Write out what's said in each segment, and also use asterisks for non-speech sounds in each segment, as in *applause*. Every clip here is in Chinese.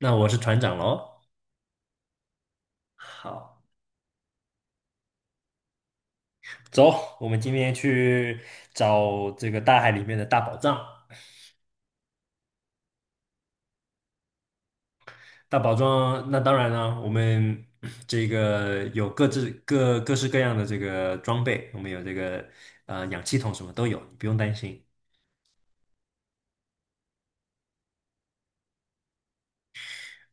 那我是船长喽。好，走，我们今天去找这个大海里面的大宝藏。大宝藏，那当然了，我们 *clears throat* 这个有各式各样的这个装备，我们有这个氧气筒，什么都有，你不用担心。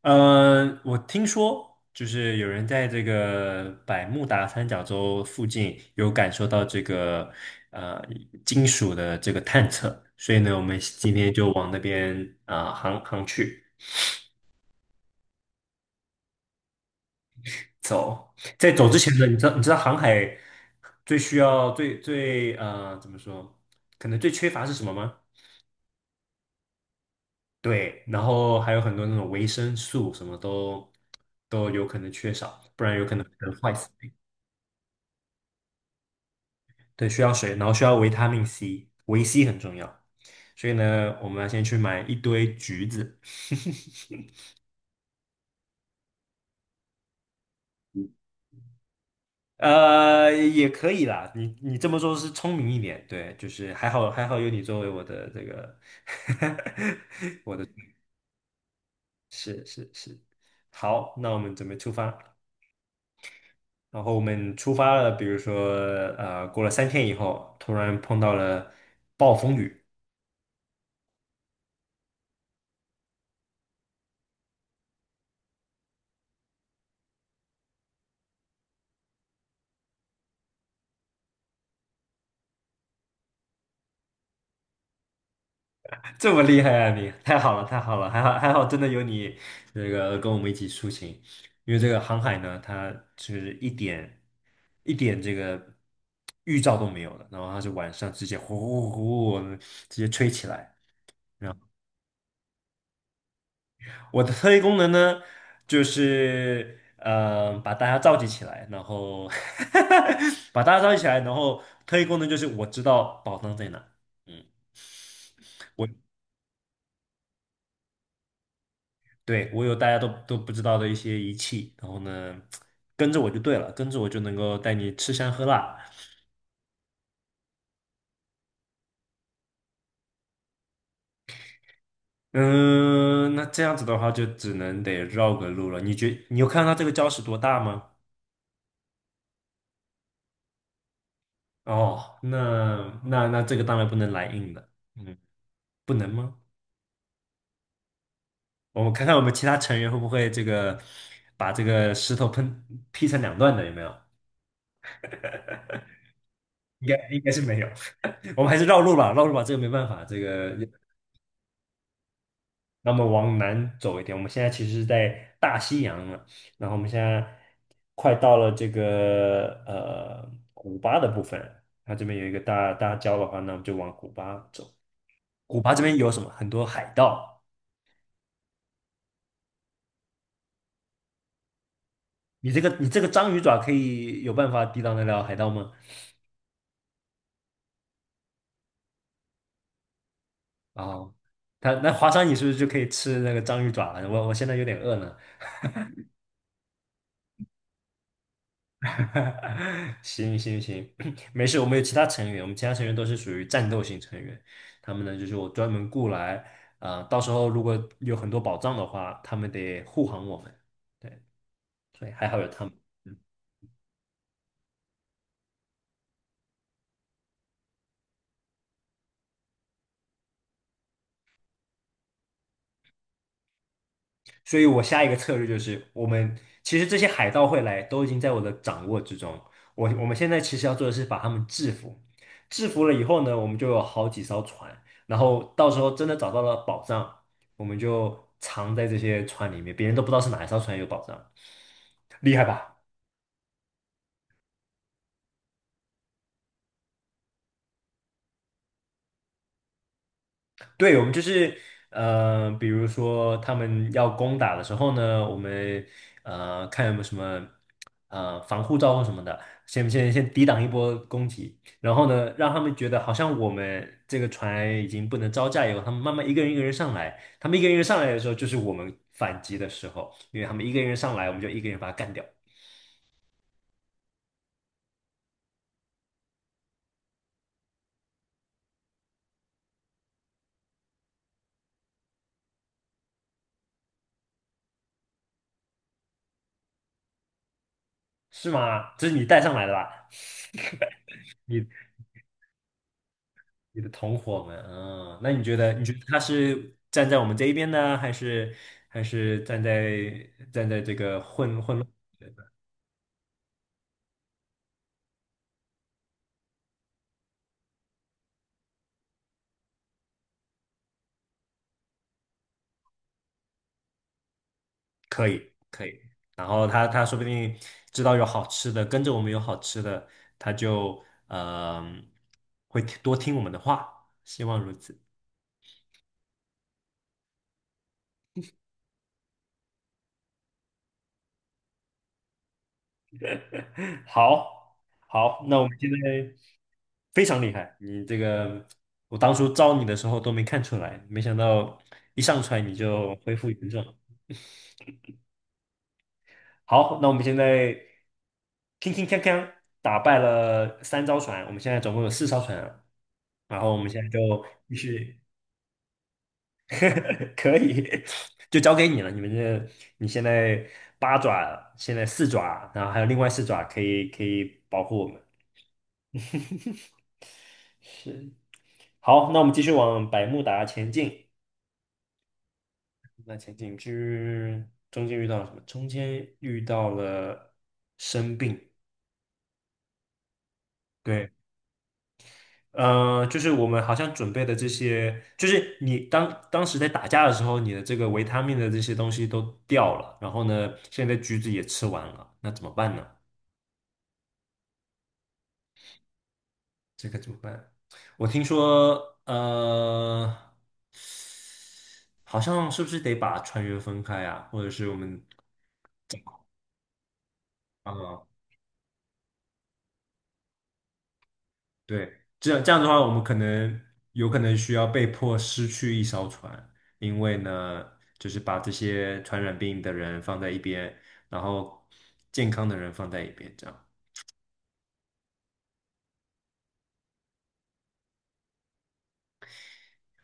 我听说就是有人在这个百慕达三角洲附近有感受到这个呃金属的这个探测，所以呢，我们今天就往那边航去。走，在走之前呢，你知道航海最需要最最呃怎么说，可能最缺乏是什么吗？对，然后还有很多那种维生素什么都有可能缺少，不然有可能会坏死。对，需要水，然后需要维他命 C，维 C 很重要。所以呢，我们要先去买一堆橘子，也可以啦。你这么做是聪明一点，对，就是还好还好有你作为我的这个，*laughs* 我的是是是，好，那我们准备出发。然后我们出发了，比如说过了3天以后，突然碰到了暴风雨。这么厉害啊你！太好了，太好了，还好还好，真的有你这个跟我们一起出行，因为这个航海呢，它就是一点这个预兆都没有的，然后它是晚上直接呼呼呼呼直接吹起来。然后我的特异功能呢，就是把大家召集起来，然后 *laughs* 把大家召集起来，然后特异功能就是我知道宝藏在哪。嗯。我。对，我有大家都不知道的一些仪器，然后呢，跟着我就对了，跟着我就能够带你吃香喝辣。嗯，那这样子的话，就只能得绕个路了。你觉你有看到这个礁石多大吗？哦，那这个当然不能来硬的，嗯，不能吗？我们看看我们其他成员会不会这个把这个石头劈成两段的，有没有？应该是没有，*laughs* 我们还是绕路吧，绕路吧，这个没办法，这个。那么往南走一点，我们现在其实是在大西洋了，然后我们现在快到了这个古巴的部分，它这边有一个大礁的话，那我们就往古巴走。古巴这边有什么？很多海盗。你这个章鱼爪可以有办法抵挡得了海盗吗？哦，他那华商你是不是就可以吃那个章鱼爪了？我现在有点饿呢。*laughs* 行行行，*clears throat* 没事，我们有其他成员，我们其他成员都是属于战斗型成员，他们呢就是我专门雇来，到时候如果有很多宝藏的话，他们得护航我们，对，所以还好有他们。所以我下一个策略就是，我们其实这些海盗会来，都已经在我的掌握之中。我们现在其实要做的是把他们制服，制服了以后呢，我们就有好几艘船，然后到时候真的找到了宝藏，我们就藏在这些船里面，别人都不知道是哪一艘船有宝藏，厉害吧？对，我们就是比如说他们要攻打的时候呢，我们看有没有什么防护罩或什么的，先抵挡一波攻击，然后呢，让他们觉得好像我们这个船已经不能招架以后，他们慢慢一个人一个人上来，他们一个人一个人上来的时候，就是我们反击的时候，因为他们一个人上来，我们就一个人把他干掉，是吗？这是你带上来的吧？*laughs* 你。你的同伙们，那你觉得他是站在我们这一边呢，还是站在这个混乱？可以可以，然后他说不定知道有好吃的，跟着我们有好吃的，他就嗯、会听我们的话，希望如此。*laughs* 好，好，那我们现在。非常厉害，你这个我当初招你的时候都没看出来，没想到一上船你就恢复原状。好，那我们现在铿铿锵锵打败了3艘船，我们现在总共有4艘船了，然后我们现在就 *laughs* 继续，*laughs* 可以，*laughs* 就交给你了。你们这你现在八爪，现在四爪，然后还有另外四爪可以可以保护我们。对，好，那我们继续往百慕达前进。那前进之中间遇到了什么？中间遇到了生病。对。就是我们好像准备的这些，就是你当时在打架的时候，你的这个维他命的这些东西都掉了，然后呢，现在橘子也吃完了，那怎么办呢？这可怎么办？我听说，好像是不是得把船员分开啊，或者是我们，啊、对，这样这样的话，我们可能有可能需要被迫失去一艘船，因为呢，就是把这些传染病的人放在一边，然后健康的人放在一边，这样。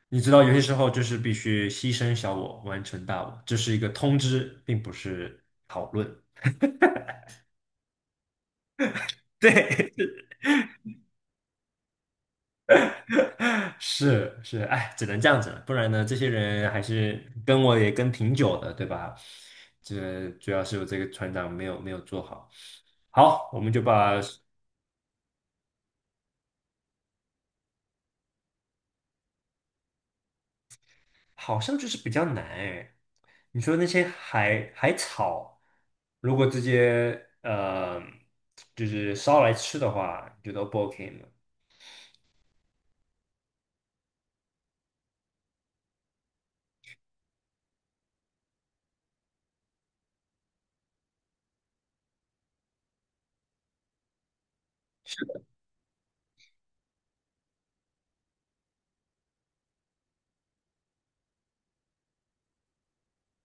你知道，有些时候就是必须牺牲小我，完成大我，这是一个通知，并不是讨论。*laughs* 对，是是，哎，只能这样子了，不然呢，这些人还是跟我也跟挺久的，对吧？这主要是我这个船长没有做好。好，我们就把，好像就是比较难哎。你说那些海草，如果直接就是烧来吃的话，你觉得 O 不 OK 的？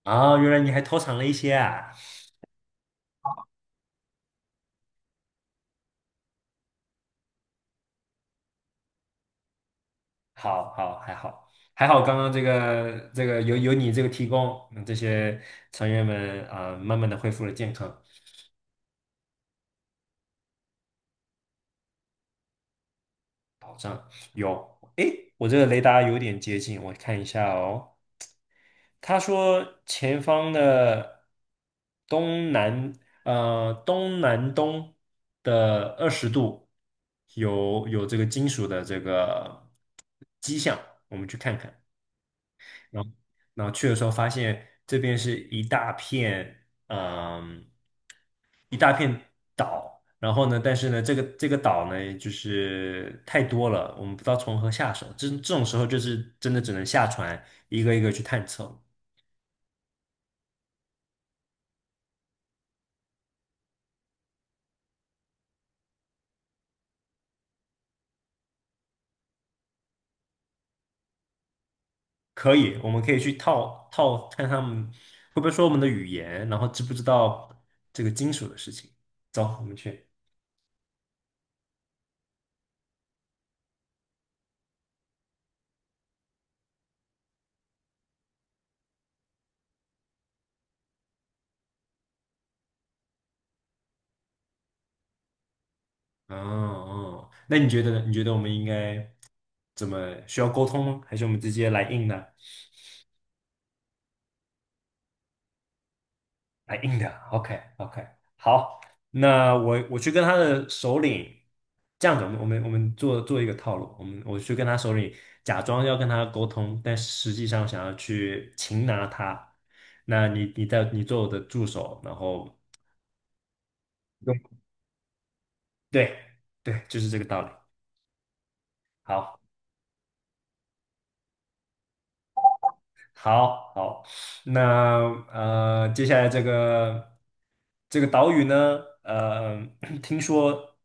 啊，原来你还偷藏了一些啊。好好还好还好，刚刚这个有你这个提供，这些成员们慢慢的恢复了健康保障。有，诶，我这个雷达有点接近，我看一下哦。他说前方的东南东南东的20度有这个金属的这个迹象，我们去看看。然后然后去的时候发现这边是一大片，嗯，一大片岛。然后呢，但是呢，这个岛呢，就是太多了，我们不知道从何下手。这种时候，就是真的只能下船，一个一个去探测。可以，我们可以去套套看他们会不会说我们的语言，然后知不知道这个金属的事情。走，我们去。哦哦，那你觉得呢？你觉得我们应该怎么需要沟通吗？还是我们直接来硬呢？来硬的，OK OK，好，那我去跟他的首领，这样子，我们做一个套路，我去跟他首领假装要跟他沟通，但实际上想要去擒拿他。那你做我的助手，然后用对对，就是这个道理。好。好好，那接下来这个岛屿呢，*clears throat* 听说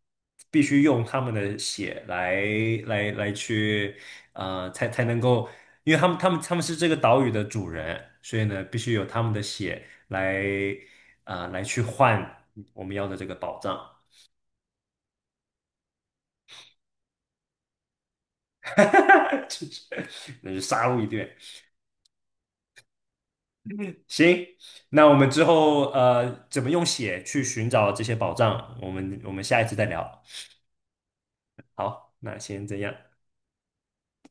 必须用他们的血来去，才能够，因为他们是这个岛屿的主人，所以呢，必须有他们的血来，来去换我们要的这个宝藏，*laughs* 就是那就杀戮一顿。行，那我们之后怎么用血去寻找这些宝藏，我们下一次再聊。好，那先这样。